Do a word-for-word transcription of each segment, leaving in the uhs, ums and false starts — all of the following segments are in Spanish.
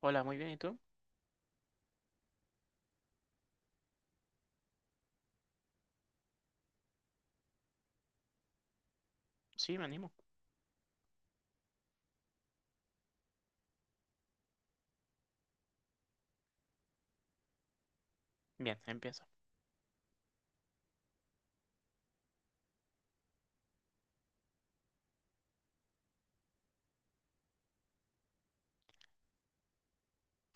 Hola, muy bien, ¿y tú? Sí, me animo. Bien, empiezo.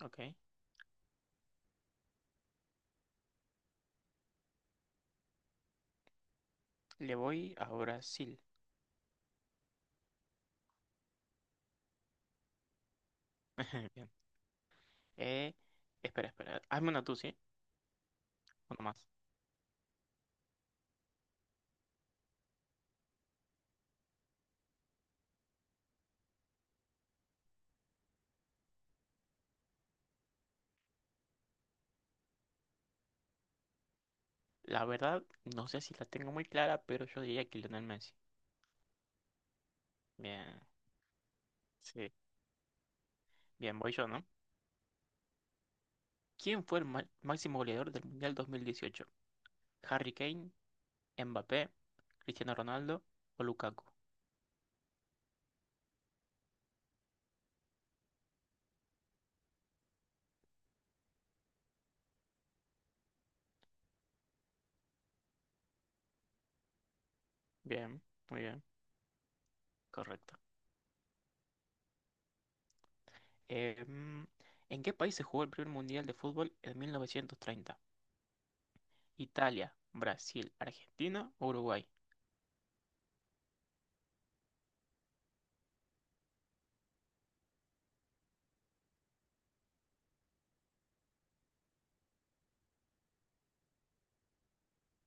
Ok. Le voy a Brasil. Bien. Eh, espera, espera. Hazme una tú, ¿sí? Uno más. La verdad, no sé si la tengo muy clara, pero yo diría que Lionel Messi. Bien, sí. Bien, voy yo, ¿no? ¿Quién fue el ma- máximo goleador del Mundial dos mil dieciocho? ¿Harry Kane, Mbappé, Cristiano Ronaldo o Lukaku? Bien, muy bien, correcto. Eh, mm, ¿en qué país se jugó el primer Mundial de fútbol en mil novecientos treinta? Italia, Brasil, Argentina, Uruguay.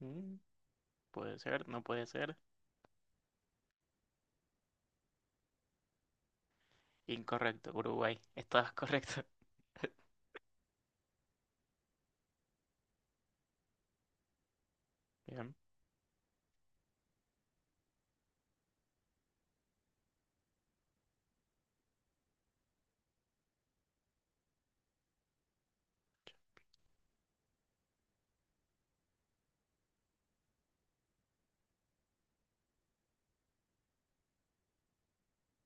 Mm, puede ser, no puede ser. Incorrecto, Uruguay. Estabas correcto. Bien.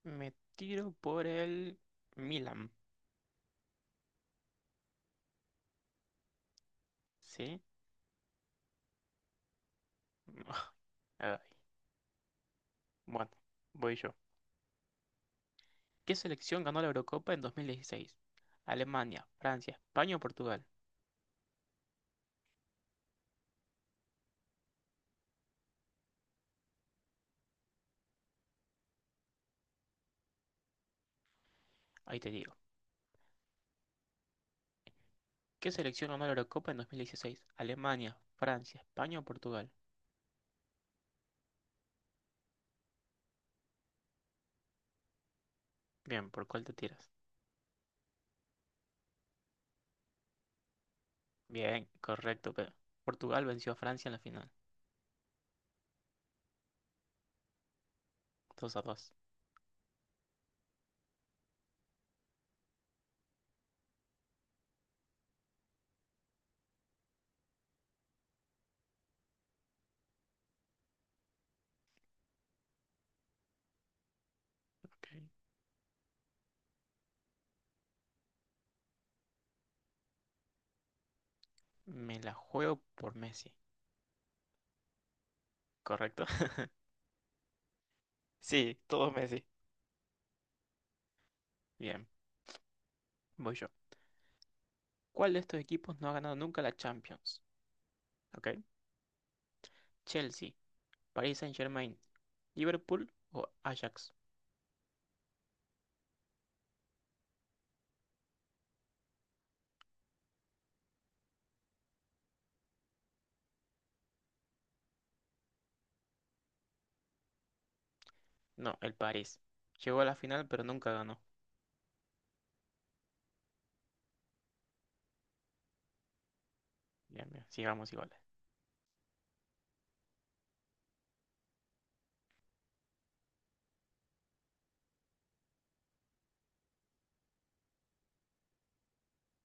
Me tiro por el Milan. ¿Sí? Ay. Bueno, voy yo. ¿Qué selección ganó la Eurocopa en dos mil dieciséis? Alemania, Francia, España o Portugal. Ahí te digo. ¿Qué selección ganó la Eurocopa en dos mil dieciséis? Alemania, Francia, España o Portugal. Bien, ¿por cuál te tiras? Bien, correcto, pero Portugal venció a Francia en la final. Dos a dos. Ok. Me la juego por Messi, ¿correcto? Sí, todo Messi. Bien, voy yo. ¿Cuál de estos equipos no ha ganado nunca la Champions? Ok. Chelsea, Paris Saint-Germain, Liverpool o Ajax. No, el París. Llegó a la final, pero nunca ganó. Bien, bien, sigamos iguales.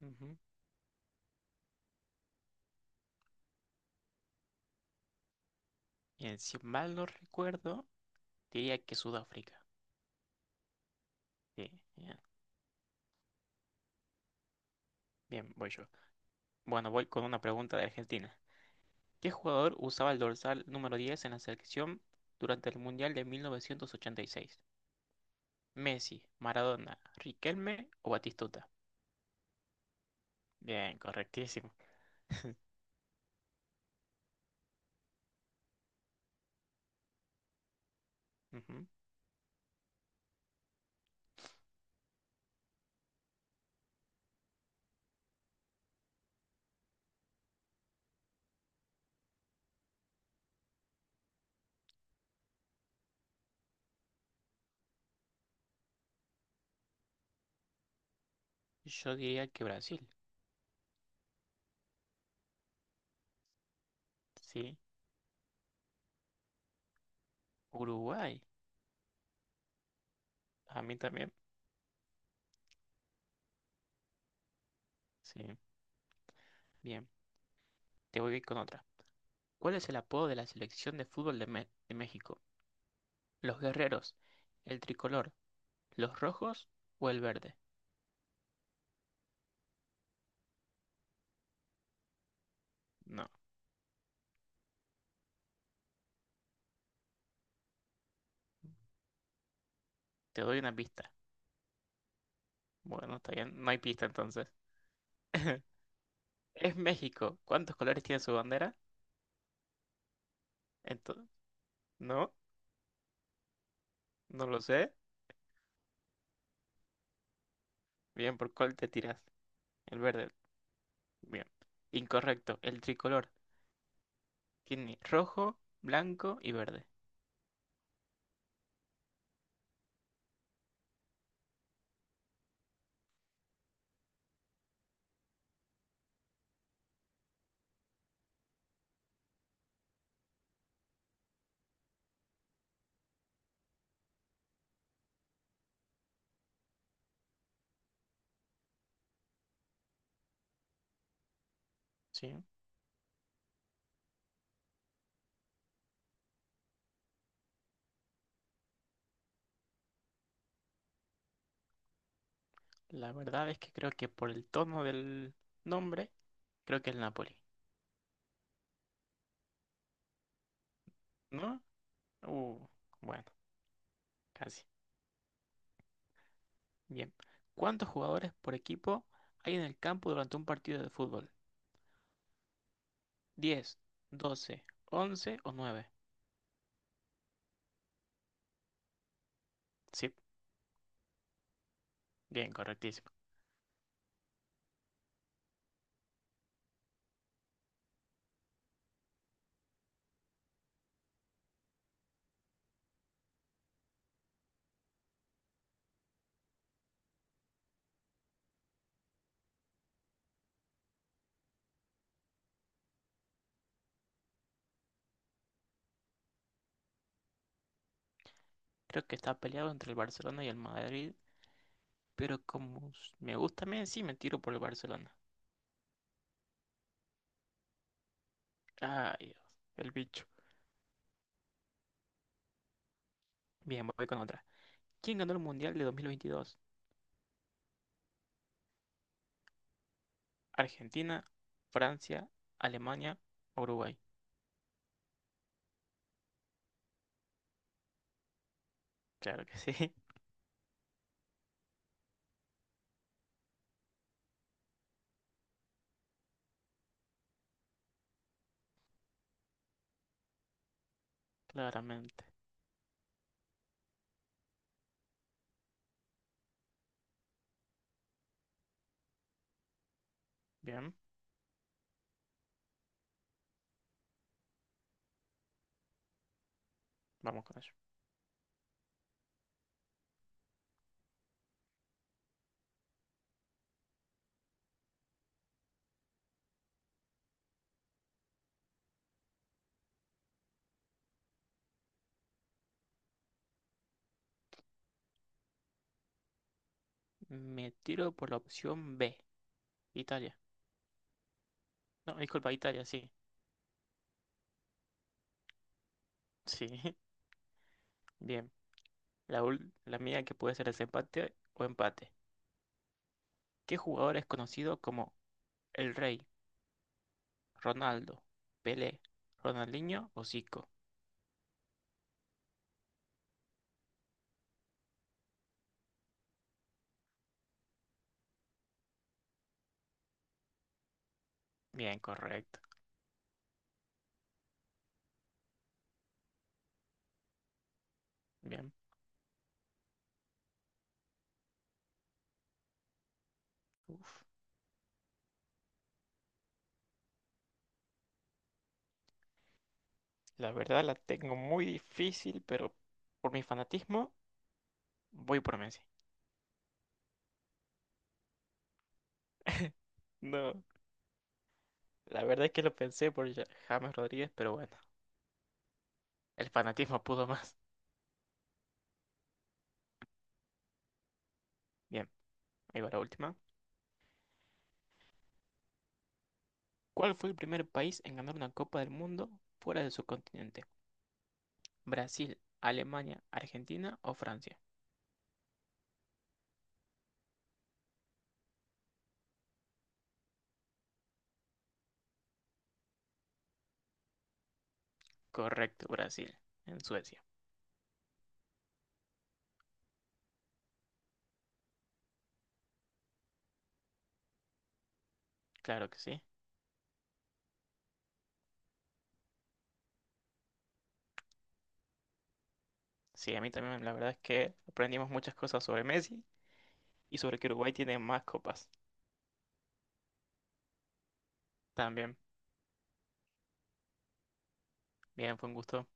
Ujú. Bien, si mal no recuerdo, diría que Sudáfrica. Sí, bien, bien, voy yo. Bueno, voy con una pregunta de Argentina. ¿Qué jugador usaba el dorsal número diez en la selección durante el Mundial de mil novecientos ochenta y seis? Messi, Maradona, Riquelme o Batistuta. Bien, correctísimo. Ujú. Yo diría que Brasil, sí. Uruguay, a mí también, sí. Bien, te voy a ir con otra. ¿Cuál es el apodo de la selección de fútbol de, Me- de México? ¿Los guerreros, el tricolor, los rojos o el verde? No, te doy una pista. Bueno, está bien, no hay pista entonces. Es México. ¿Cuántos colores tiene su bandera? Entonces, no, no lo sé. Bien, ¿por cuál te tiras? El verde. Bien. Incorrecto. El tricolor tiene rojo, blanco y verde. Sí. La verdad es que creo que por el tono del nombre, creo que es el Napoli. ¿No? Uh, bueno, casi. Bien. ¿Cuántos jugadores por equipo hay en el campo durante un partido de fútbol? ¿Diez, doce, once o nueve? Sí, bien, correctísimo. Creo que está peleado entre el Barcelona y el Madrid, pero como s- me gusta Messi, me tiro por el Barcelona. Ay, Dios, el bicho. Bien, voy con otra. ¿Quién ganó el Mundial de dos mil veintidós? ¿Argentina, Francia, Alemania, Uruguay? Claro que sí, claramente. Bien, vamos con ello. Me tiro por la opción B, Italia. No, disculpa, Italia, sí. Sí, bien. La, ul- la mía que puede ser desempate o empate. ¿Qué jugador es conocido como el Rey, Ronaldo, Pelé, Ronaldinho o Zico? Bien, correcto. Bien. Uf, la verdad la tengo muy difícil, pero por mi fanatismo. Voy por Messi. No, la verdad es que lo pensé por Ja- James Rodríguez, pero bueno, el fanatismo pudo más. Bien, ahí va la última. ¿Cuál fue el primer país en ganar una Copa del Mundo fuera de su continente? ¿Brasil, Alemania, Argentina o Francia? Correcto, Brasil, en Suecia. Claro que sí. Sí, a mí también la verdad es que aprendimos muchas cosas sobre Messi y sobre que Uruguay tiene más copas. También, bien, fue un gusto.